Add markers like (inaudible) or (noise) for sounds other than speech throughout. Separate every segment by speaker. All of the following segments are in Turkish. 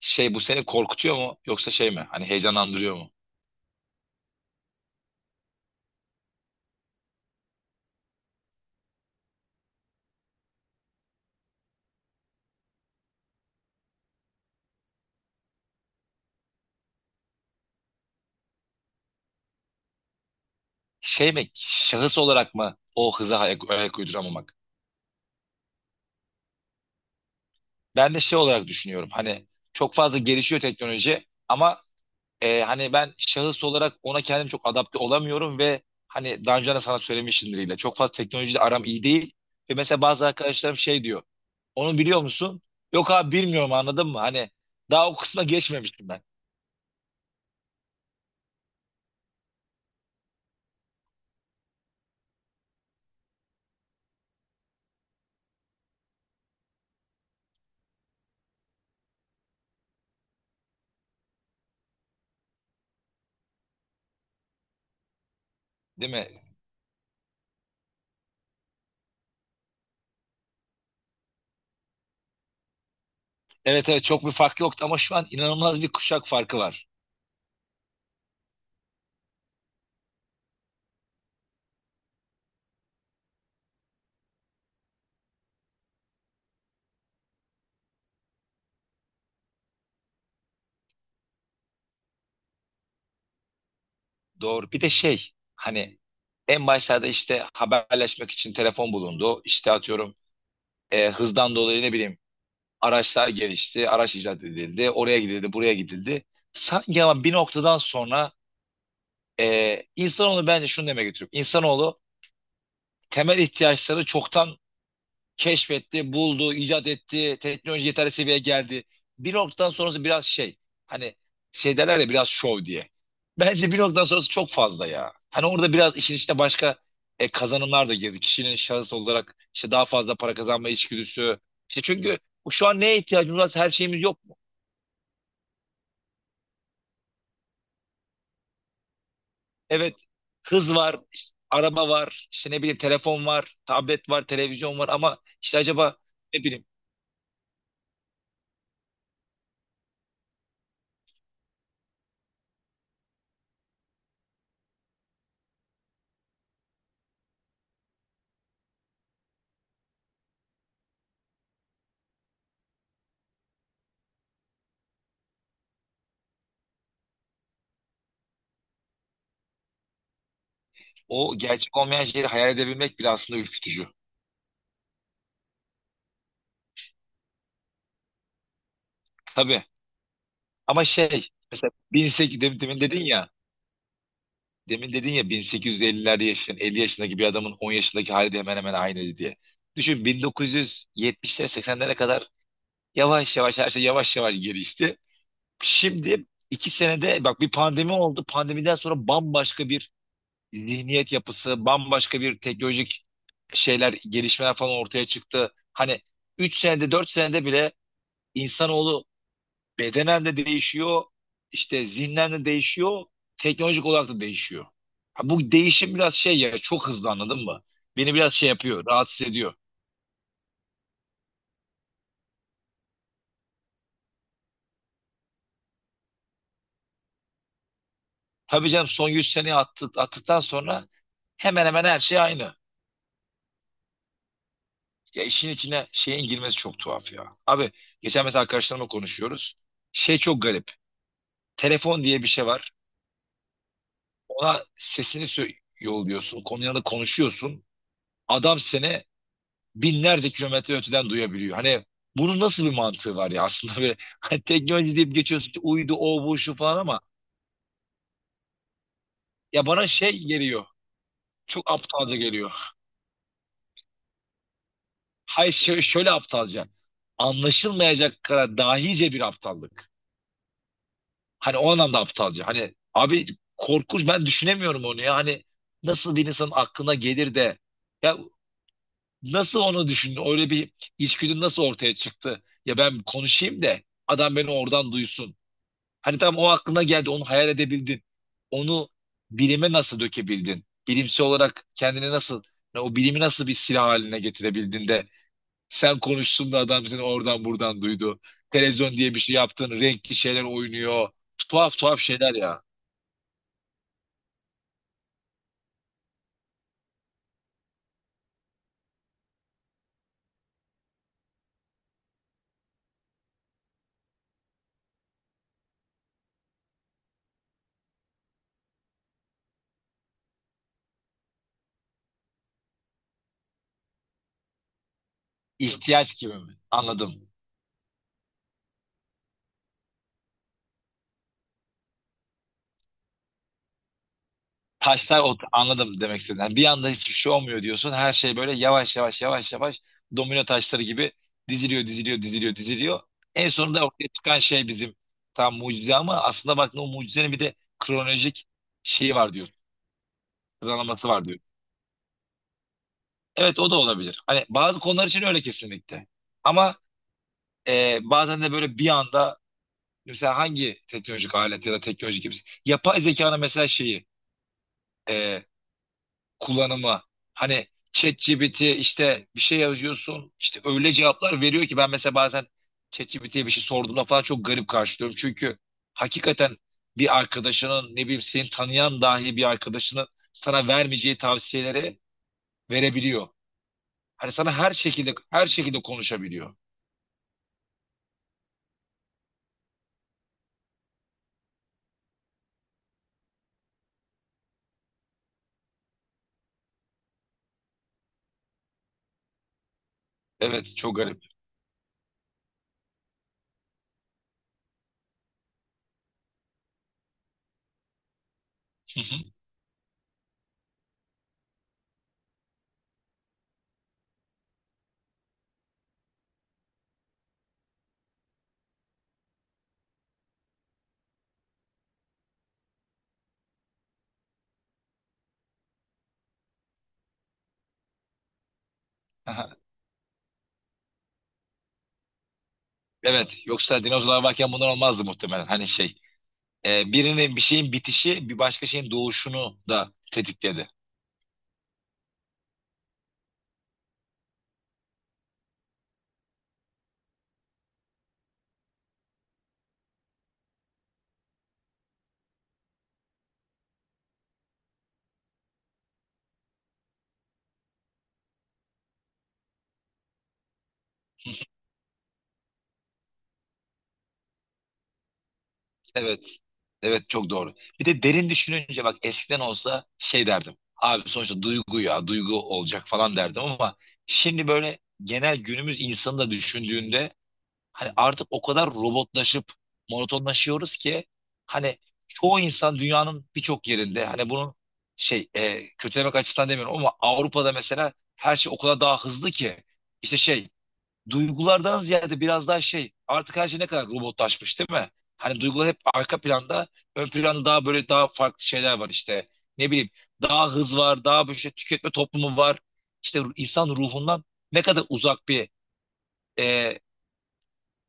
Speaker 1: Şey bu seni korkutuyor mu yoksa şey mi? Hani heyecanlandırıyor mu? Şey mi? Şahıs olarak mı o hıza ayak uyduramamak? Ben de şey olarak düşünüyorum. Hani çok fazla gelişiyor teknoloji ama hani ben şahıs olarak ona kendim çok adapte olamıyorum ve hani daha önce de sana söylemişimdir yine. Çok fazla teknolojiyle aram iyi değil. Ve mesela bazı arkadaşlarım şey diyor. Onu biliyor musun? Yok abi bilmiyorum anladın mı? Hani daha o kısma geçmemiştim ben. Değil mi? Evet evet, çok bir fark yoktu ama şu an inanılmaz bir kuşak farkı var. Doğru. Bir de şey, hani en başlarda işte haberleşmek için telefon bulundu. İşte atıyorum hızdan dolayı ne bileyim araçlar gelişti. Araç icat edildi. Oraya gidildi, buraya gidildi. Sanki ama bir noktadan sonra insanoğlu bence şunu demeye getiriyor. İnsanoğlu temel ihtiyaçları çoktan keşfetti, buldu, icat etti, teknoloji yeterli seviyeye geldi. Bir noktadan sonrası biraz şey, hani şey derler ya, biraz şov diye. Bence bir noktadan sonrası çok fazla ya. Hani orada biraz işin içine başka kazanımlar da girdi. Kişinin şahıs olarak işte daha fazla para kazanma içgüdüsü. İşte çünkü şu an neye ihtiyacımız var? Her şeyimiz yok mu? Evet, hız var, işte araba var, işte ne bileyim telefon var, tablet var, televizyon var ama işte acaba ne bileyim o gerçek olmayan şeyleri hayal edebilmek bile aslında ürkütücü. Tabii. Ama şey mesela 18 demin dedin ya 1850'lerde yaşayan 50 yaşındaki bir adamın 10 yaşındaki hali de hemen hemen aynıydı diye. Düşün 1970'lere 80'lere kadar yavaş yavaş her şey yavaş yavaş gelişti. Şimdi 2 senede bak bir pandemi oldu. Pandemiden sonra bambaşka bir zihniyet yapısı, bambaşka bir teknolojik şeyler, gelişmeler falan ortaya çıktı. Hani 3 senede 4 senede bile insanoğlu bedenen de değişiyor, işte zihnen de değişiyor, teknolojik olarak da değişiyor. Ha, bu değişim biraz şey ya, çok hızlı anladın mı? Beni biraz şey yapıyor, rahatsız ediyor. Tabii canım, son 100 seneyi attı, attıktan sonra hemen hemen her şey aynı. Ya işin içine şeyin girmesi çok tuhaf ya. Abi geçen mesela arkadaşlarımla konuşuyoruz. Şey çok garip. Telefon diye bir şey var. Ona sesini yolluyorsun. Konuyla da konuşuyorsun. Adam seni binlerce kilometre öteden duyabiliyor. Hani bunun nasıl bir mantığı var ya aslında, (laughs) böyle hani teknoloji deyip geçiyorsun ki, uydu o bu şu falan ama ya bana şey geliyor. Çok aptalca geliyor. Hayır şöyle aptalca. Anlaşılmayacak kadar dahice bir aptallık. Hani o anlamda aptalca. Hani abi korkunç, ben düşünemiyorum onu ya. Hani nasıl bir insanın aklına gelir de ya, nasıl onu düşündün? Öyle bir içgüdün nasıl ortaya çıktı? Ya ben konuşayım da adam beni oradan duysun. Hani tam o aklına geldi, onu hayal edebildin. Onu bilime nasıl dökebildin? Bilimsel olarak kendini nasıl, yani o bilimi nasıl bir silah haline getirebildin de sen konuştun da adam seni oradan buradan duydu. Televizyon diye bir şey yaptın, renkli şeyler oynuyor. Tuhaf tuhaf şeyler ya. İhtiyaç gibi mi? Anladım. Taşlar ot, anladım demek istediğin. Yani bir anda hiçbir şey olmuyor diyorsun. Her şey böyle yavaş yavaş yavaş yavaş domino taşları gibi diziliyor diziliyor diziliyor diziliyor. En sonunda ortaya çıkan şey bizim tam mucize ama aslında bak, o mucizenin bir de kronolojik şeyi var diyor. Sıralaması var diyor. Evet, o da olabilir. Hani bazı konular için öyle kesinlikle. Ama bazen de böyle bir anda mesela hangi teknolojik alet ya da teknolojik yapı, yapay zekanın mesela şeyi, e, kullanımı. Hani ChatGPT, işte bir şey yazıyorsun, işte öyle cevaplar veriyor ki, ben mesela bazen ChatGPT'ye bir şey sorduğumda falan çok garip karşılıyorum. Çünkü hakikaten bir arkadaşının, ne bileyim, seni tanıyan dahi bir arkadaşının sana vermeyeceği tavsiyeleri verebiliyor. Hani sana her şekilde konuşabiliyor. Evet, çok garip. (laughs) Evet, yoksa dinozorlar varken bunlar olmazdı muhtemelen. Hani şey, birinin bir şeyin bitişi bir başka şeyin doğuşunu da tetikledi. Evet. Evet, çok doğru. Bir de derin düşününce bak, eskiden olsa şey derdim. Abi sonuçta duygu ya, duygu olacak falan derdim ama şimdi böyle genel günümüz insanı da düşündüğünde, hani artık o kadar robotlaşıp monotonlaşıyoruz ki, hani çoğu insan dünyanın birçok yerinde, hani bunun şey, kötülemek açısından demiyorum ama Avrupa'da mesela her şey o kadar daha hızlı ki, işte şey, duygulardan ziyade biraz daha şey, artık her şey ne kadar robotlaşmış değil mi? Hani duygular hep arka planda, ön planda daha böyle daha farklı şeyler var, işte ne bileyim, daha hız var, daha böyle şey, tüketme toplumu var, işte insan ruhundan ne kadar uzak bir e,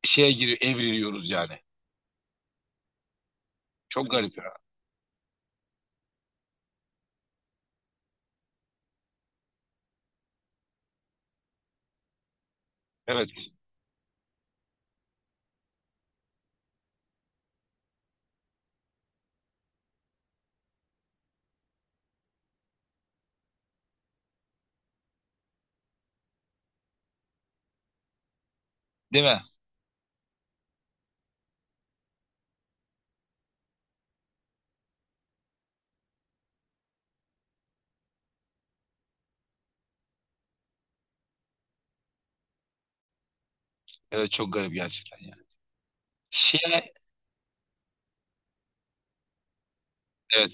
Speaker 1: şeye giriyor, evriliyoruz yani. Çok garip ya. Evet. Değil mi? Evet, çok garip gerçekten ya. Şeye, evet.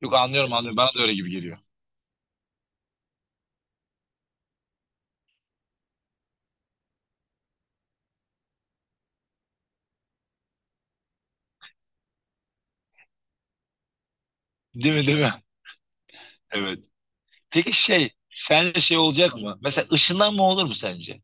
Speaker 1: Yok, anlıyorum anlıyorum. Bana da öyle gibi geliyor. Değil mi, değil mi? (laughs) Evet. Peki şey, sence şey olacak mı? Mesela ışınlanma olur mu sence?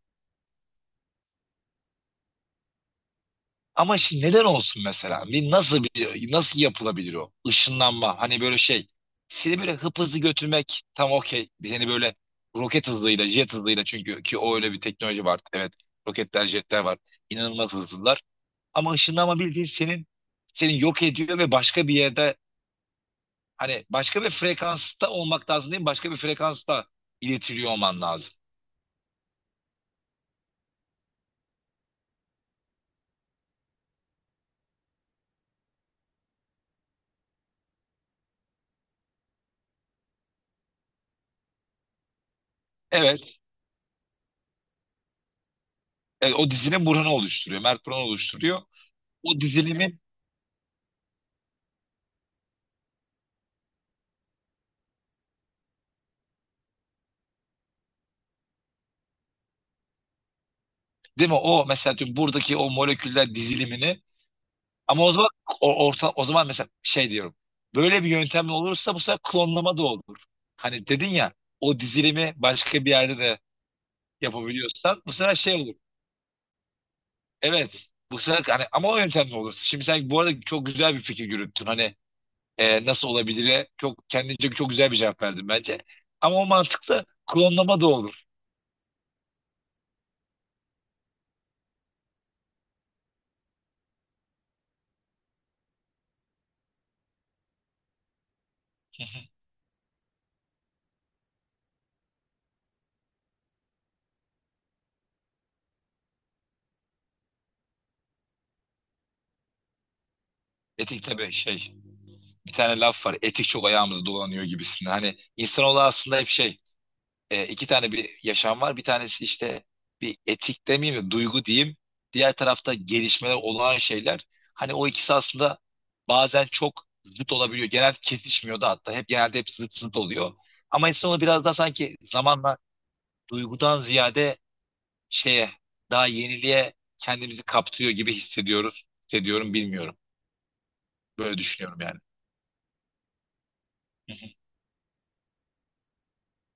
Speaker 1: Ama şimdi neden olsun mesela? Bir nasıl, bir nasıl yapılabilir o? Işınlanma. Hani böyle şey. Seni böyle hıp hızlı götürmek tam okey. Seni böyle roket hızıyla, jet hızıyla, çünkü ki o öyle bir teknoloji var. Evet. Roketler, jetler var. İnanılmaz hızlılar. Ama ışınlanma, bildiğin senin seni yok ediyor ve başka bir yerde, hani başka bir frekansta olmak lazım değil mi? Başka bir frekansta iletiliyor olman lazım. Evet, evet, o dizinin Burhan'ı oluşturuyor. Mert Burhan'ı oluşturuyor. O dizilimin değil mi? O mesela diyorum, buradaki o moleküller dizilimini ama o zaman o, orta, o zaman mesela şey diyorum. Böyle bir yöntemle olursa bu sefer klonlama da olur. Hani dedin ya, o dizilimi başka bir yerde de yapabiliyorsan bu sefer şey olur. Evet. Bu sefer hani ama o yöntemle olursa. Şimdi sen bu arada çok güzel bir fikir yürüttün. Hani nasıl olabilir? Çok kendince çok güzel bir cevap verdin bence. Ama o mantıklı, klonlama da olur. Hı hı. Etik tabii şey. Bir tane laf var. Etik çok ayağımızı dolanıyor gibisinden. Hani insanoğlu aslında hep şey, iki tane bir yaşam var. Bir tanesi işte bir etik demeyeyim de duygu diyeyim. Diğer tarafta gelişmeler, olağan şeyler. Hani o ikisi aslında bazen çok zıt olabiliyor. Genelde kesişmiyor da hatta. Hep genelde hep zıt zıt oluyor. Ama insan onu biraz daha sanki zamanla duygudan ziyade şeye, daha yeniliğe kendimizi kaptırıyor gibi hissediyoruz. Hissediyorum, bilmiyorum. Böyle düşünüyorum yani. Hı hı.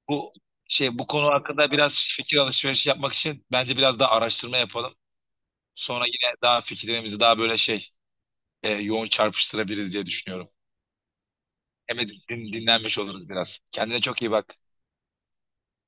Speaker 1: Bu şey, bu konu hakkında biraz fikir alışverişi yapmak için bence biraz daha araştırma yapalım. Sonra yine daha fikirlerimizi daha böyle şey, yoğun çarpıştırabiliriz diye düşünüyorum. Hem de dinlenmiş oluruz biraz. Kendine çok iyi bak.